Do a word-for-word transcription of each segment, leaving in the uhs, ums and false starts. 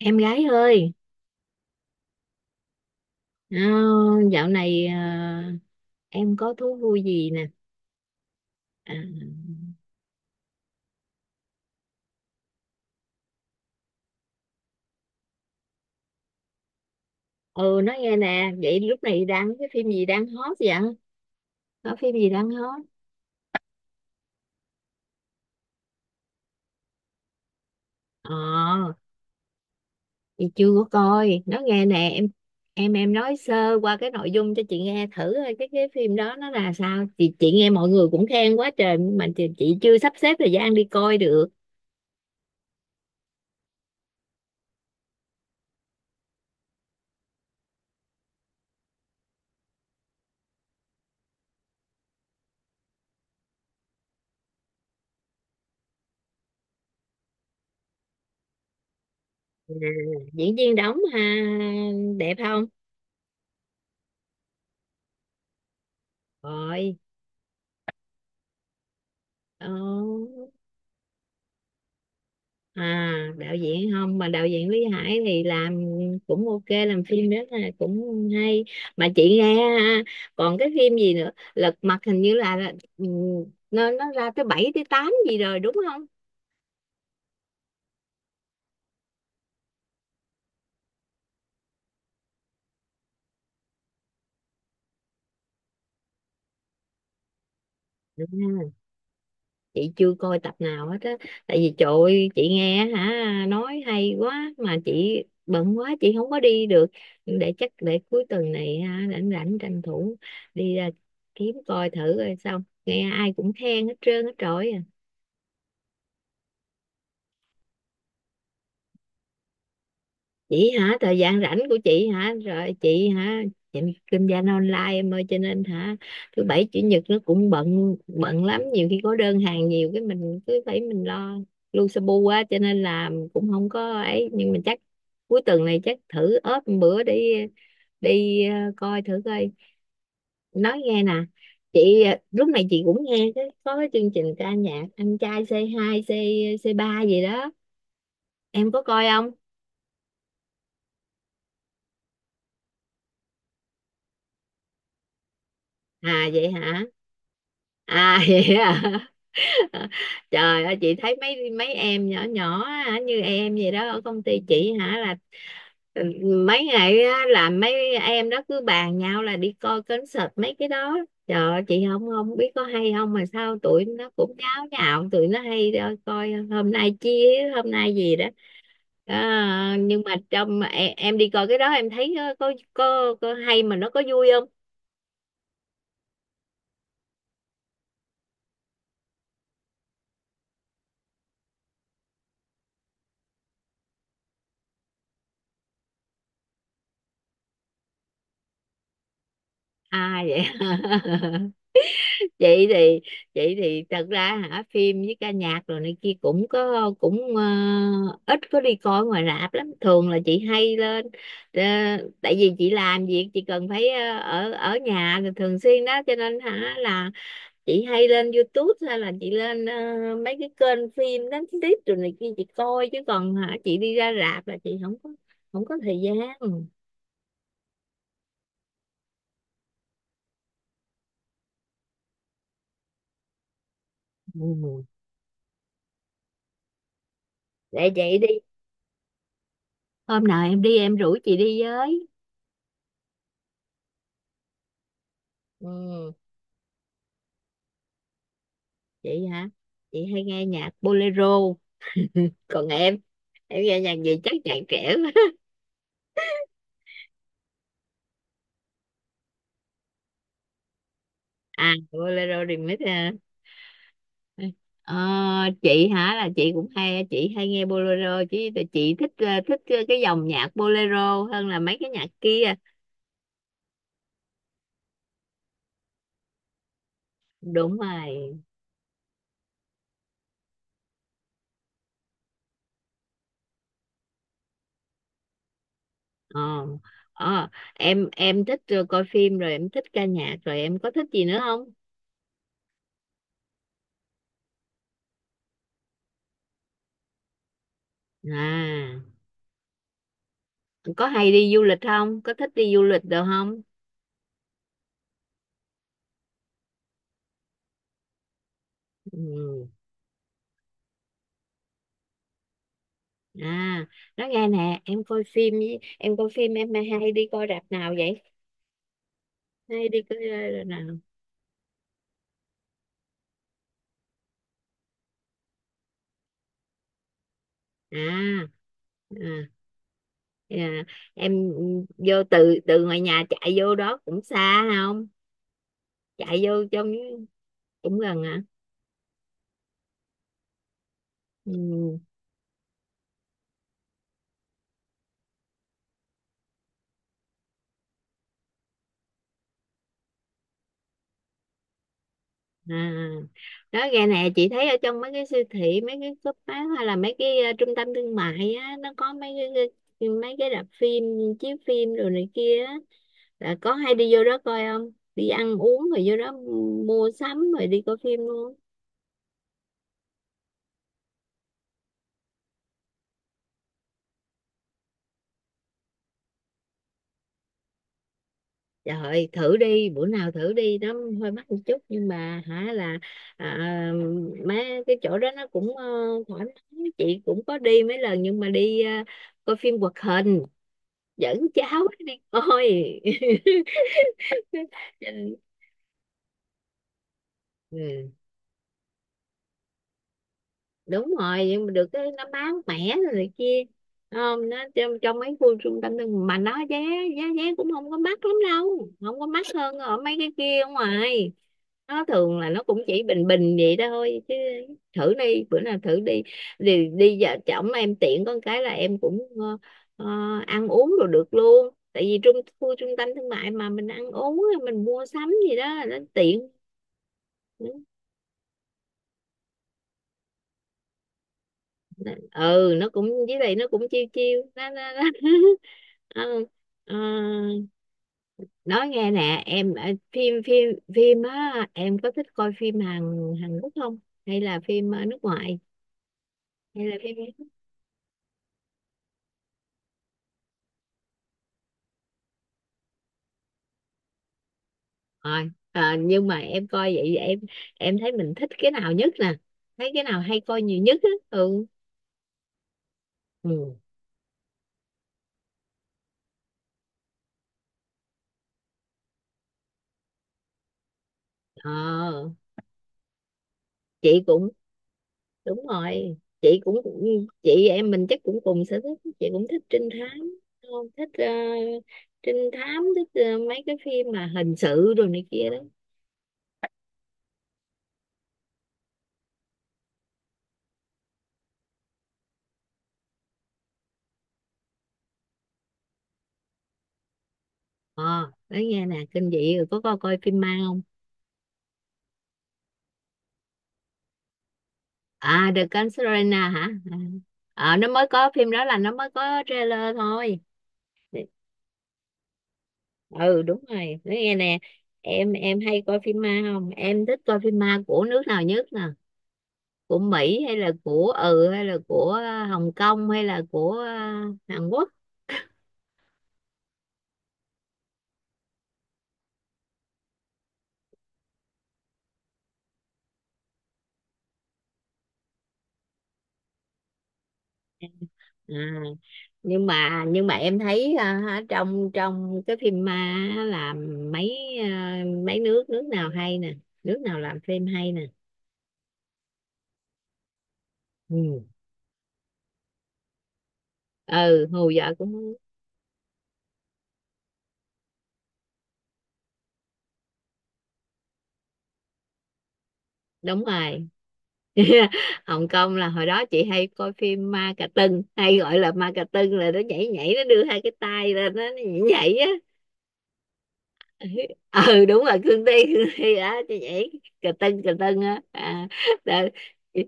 Em gái ơi, ờ, dạo này ờ, em có thú vui gì nè? À, ừ, nói nghe nè, vậy lúc này đang cái phim gì đang hot vậy? Có phim gì đang hot? Ờ, thì chưa có coi. Nói nghe nè, em em em nói sơ qua cái nội dung cho chị nghe thử coi cái cái phim đó nó là sao? Chị chị nghe mọi người cũng khen quá trời mà chị, chị chưa sắp xếp thời gian đi coi được. À, diễn viên đóng ha, đẹp không? Rồi. Ờ. À, đạo diễn không mà đạo diễn Lý Hải thì làm cũng ok, làm phim rất là cũng hay, mà chị nghe ha, còn cái phim gì nữa Lật Mặt hình như là là, ừ, nó nó ra tới bảy tới tám gì rồi đúng không? Ừ, chị chưa coi tập nào hết á, tại vì trời ơi, chị nghe hả, nói hay quá mà chị bận quá, chị không có đi được. Để chắc để cuối tuần này ha, rảnh rảnh tranh thủ đi ra kiếm coi thử, rồi xong nghe ai cũng khen hết trơn hết trọi. Chị hả? Thời gian rảnh của chị hả? Rồi, chị hả? Chị kinh doanh online em ơi, cho nên hả, thứ bảy chủ nhật nó cũng bận bận lắm, nhiều khi có đơn hàng nhiều cái mình cứ phải mình lo lu su bu quá, cho nên là cũng không có ấy, nhưng mà chắc cuối tuần này chắc thử ốp một bữa đi, đi ờ, coi thử coi. Nói nghe nè, chị ờ, lúc này chị cũng nghe cái có cái chương trình ca nhạc anh trai xê hai C hai c c ba gì đó, em có coi không? À vậy hả? À, vậy à? Trời ơi, chị thấy mấy mấy em nhỏ nhỏ á, như em vậy đó, ở công ty chị hả là, ừ, mấy ngày á, là mấy em đó cứ bàn nhau là đi coi concert mấy cái đó. Trời ơi, chị không không biết có hay không mà sao tụi nó cũng nháo nhào, tụi nó hay đó, coi hôm nay chia hôm nay gì đó. À, nhưng mà trong em, em đi coi cái đó em thấy ờ, có có, có hay mà nó có vui không? À vậy. vậy thì vậy thì thật ra hả, phim với ca nhạc rồi này kia cũng có, cũng ờ, ít có đi coi ngoài rạp lắm, thường là chị hay lên ờ, tại vì chị làm việc chị cần phải ờ, ở ở nhà thì thường xuyên đó, cho nên hả là chị hay lên YouTube hay là chị lên ờ, mấy cái kênh phim đánh tiếp rồi này kia chị coi, chứ còn hả chị đi ra rạp là chị không có, không có thời gian. Ừ. Để vậy đi, hôm nào em đi em rủ chị đi với. Ừ. Chị hả? Chị hay nghe nhạc bolero. Còn em, em nghe nhạc gì, chắc nhạc trẻ quá. À, bolero remix à. Ờ, chị hả là chị cũng hay, chị hay nghe bolero chứ, tại chị thích ờ, thích cái cái dòng nhạc bolero hơn là mấy cái nhạc kia. Đúng rồi. Ờ, ờ em em thích ờ, coi phim rồi em thích ca nhạc, rồi em có thích gì nữa không? À, có hay đi du lịch không, có thích đi du lịch được không? Ừ. À, nói nghe nè, em coi phim với em coi phim, em hay đi coi rạp nào vậy? Hay đi coi ờ, rạp nào? À à, à em vô từ từ ngoài nhà chạy vô đó cũng xa không? Chạy vô trong cũng gần hả? Ừ. À, đó gà nè, chị thấy ở trong mấy cái siêu thị, mấy cái shop bán, hay là mấy cái ờ, trung tâm thương mại á, nó có mấy cái cái- mấy cái rạp phim chiếu phim rồi này kia á, là có hay đi vô đó coi không, đi ăn uống rồi vô đó mua sắm rồi đi coi phim luôn? Trời ơi, thử đi bữa nào thử đi, nó hơi mắc một chút nhưng mà hả là, à, mấy cái chỗ đó nó cũng ờ, thoải mái, chị cũng có đi mấy lần nhưng mà đi ờ, coi phim hoạt hình, dẫn cháu đi coi. Ừ. Đúng rồi, nhưng mà được cái nó bán mẻ rồi này kia, không, nó trong, trong mấy khu trung tâm thương mà nó giá giá vé cũng không có mắc lắm đâu, không có mắc hơn ở mấy cái kia ở ngoài, nó thường là nó cũng chỉ bình bình vậy thôi chứ. Thử đi bữa nào thử đi. Đi đi, vợ chồng em tiện có cái là em cũng ờ, ờ, ăn uống rồi được luôn, tại vì trung khu trung tâm thương mại mà mình ăn uống mình mua sắm gì đó nó tiện. Ừ. Ừ, nó cũng với lại nó cũng chiêu chiêu nó, nó, nó. Ừ, ờ, nói nghe nè, em ờ, phim phim phim á, em có thích coi phim Hàn Hàn Quốc không, hay là phim ờ, nước ngoài, hay là phim rồi? Ờ, nhưng mà em coi vậy em em thấy mình thích cái nào nhất nè, thấy cái nào hay coi nhiều nhất á? Ừ, ừ, ờ, chị cũng, đúng rồi, chị cũng, chị em mình chắc cũng cùng sở thích, chị cũng thích trinh thám, không thích ờ, trinh thám, thích ờ, mấy cái phim mà hình sự rồi này kia đó. Ờ nói nghe nè, kinh dị rồi có coi coi phim ma không? À, The Conjuring hả? À, ờ, nó mới có phim đó, là nó mới có trailer thôi. Ừ, đúng rồi, nói nghe nè, em em hay coi phim ma không, em thích coi phim ma của nước nào nhất nè, của Mỹ hay là của ừ hay là của ờ, Hồng Kông hay là của ờ, Hàn Quốc? À. nhưng mà nhưng mà em thấy ờ, trong trong cái phim ma á, là mấy ờ, mấy nước nước nào hay nè, nước nào làm phim hay nè? Ừ, ừ, hù vợ cũng đúng rồi. Hồng Kông là hồi đó chị hay coi phim ma cà tưng, hay gọi là ma cà tưng, là nó nhảy nhảy nó đưa hai cái tay lên nó nhảy nhảy á. Ừ, đúng rồi, cương thi, cương thi đó chị, nhảy cà tưng cà tưng á, à, đó. chị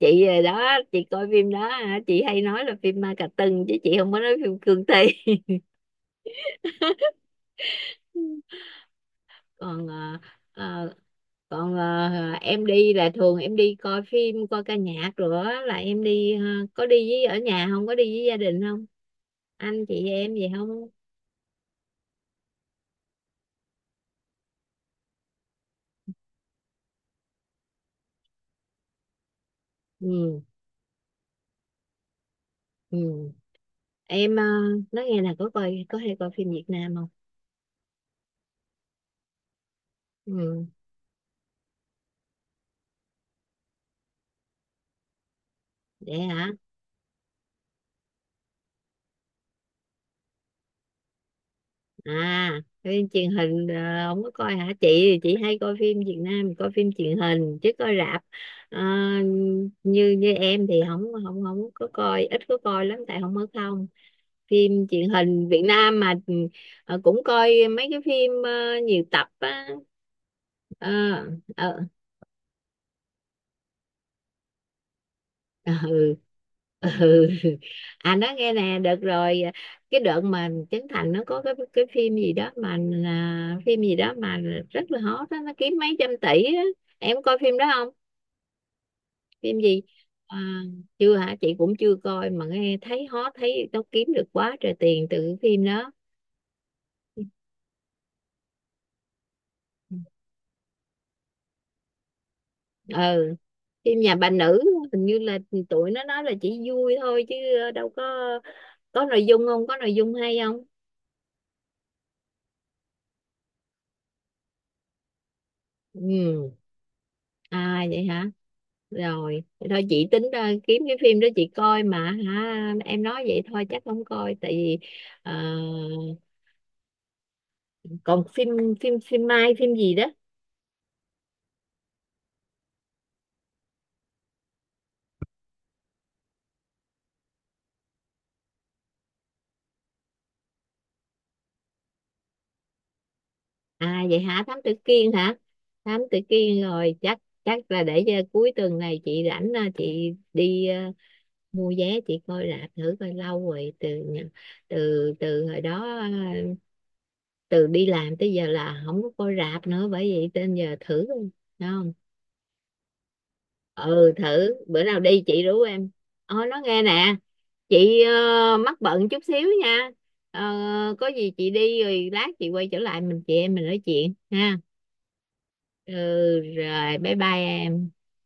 chị đó, chị coi phim đó hả? Chị hay nói là phim ma cà tưng chứ chị không có nói phim cương thi. còn ờ, ờ, còn ờ, em đi là thường em đi coi phim coi ca nhạc rồi á, là em đi ờ, có đi với ở nhà không, có đi với gia đình không, anh chị em gì không? Ừ, ừ, em ờ, nói nghe là có coi, có hay coi phim Việt Nam không? Ừ, để hả? À, phim truyền hình ờ, không có coi hả chị? Thì chị hay coi phim Việt Nam, coi phim truyền hình chứ coi rạp ờ, như như em thì không không không có coi, ít có coi lắm, tại không ở không. Phim truyền hình Việt Nam mà, ừ, ờ, cũng coi mấy cái phim ờ, nhiều tập á. Ờ, ờ, ừ, ừ. À, nói nghe nè, được rồi, cái đợt mà Trấn Thành nó có cái cái phim gì đó mà, à, phim gì đó mà rất là hot đó, nó kiếm mấy trăm tỷ á, em có coi phim đó không? Phim gì? À, chưa hả? Chị cũng chưa coi mà nghe thấy hot, thấy nó kiếm được quá trời tiền từ cái phim đó. Ừ, phim nhà bà nữ hình như là tụi nó nói là chỉ vui thôi chứ ờ, đâu có có nội dung không, có nội dung hay không? Ừ. À vậy hả. Rồi, thì thôi chị tính ờ, kiếm cái phim đó chị coi mà hả, em nói vậy thôi chắc không coi, tại vì ờ, còn phim phim phim mai phim gì đó. À vậy hả, Thám Tử Kiên hả? Thám Tử Kiên rồi, chắc chắc là để cho cuối tuần này chị rảnh ờ, chị đi ờ, mua vé chị coi rạp thử coi. Lâu rồi, từ nhà- từ từ hồi đó ờ, từ đi làm tới giờ là không có coi rạp nữa, bởi vậy nên giờ thử coi. Thấy không? Ừ, thử bữa nào đi chị rủ em. Ôi nó nghe nè, chị ờ, mắc bận chút xíu nha. Ờ, có gì chị đi rồi lát chị quay trở lại mình chị em mình nói chuyện ha. Ừ, rồi bye bye em.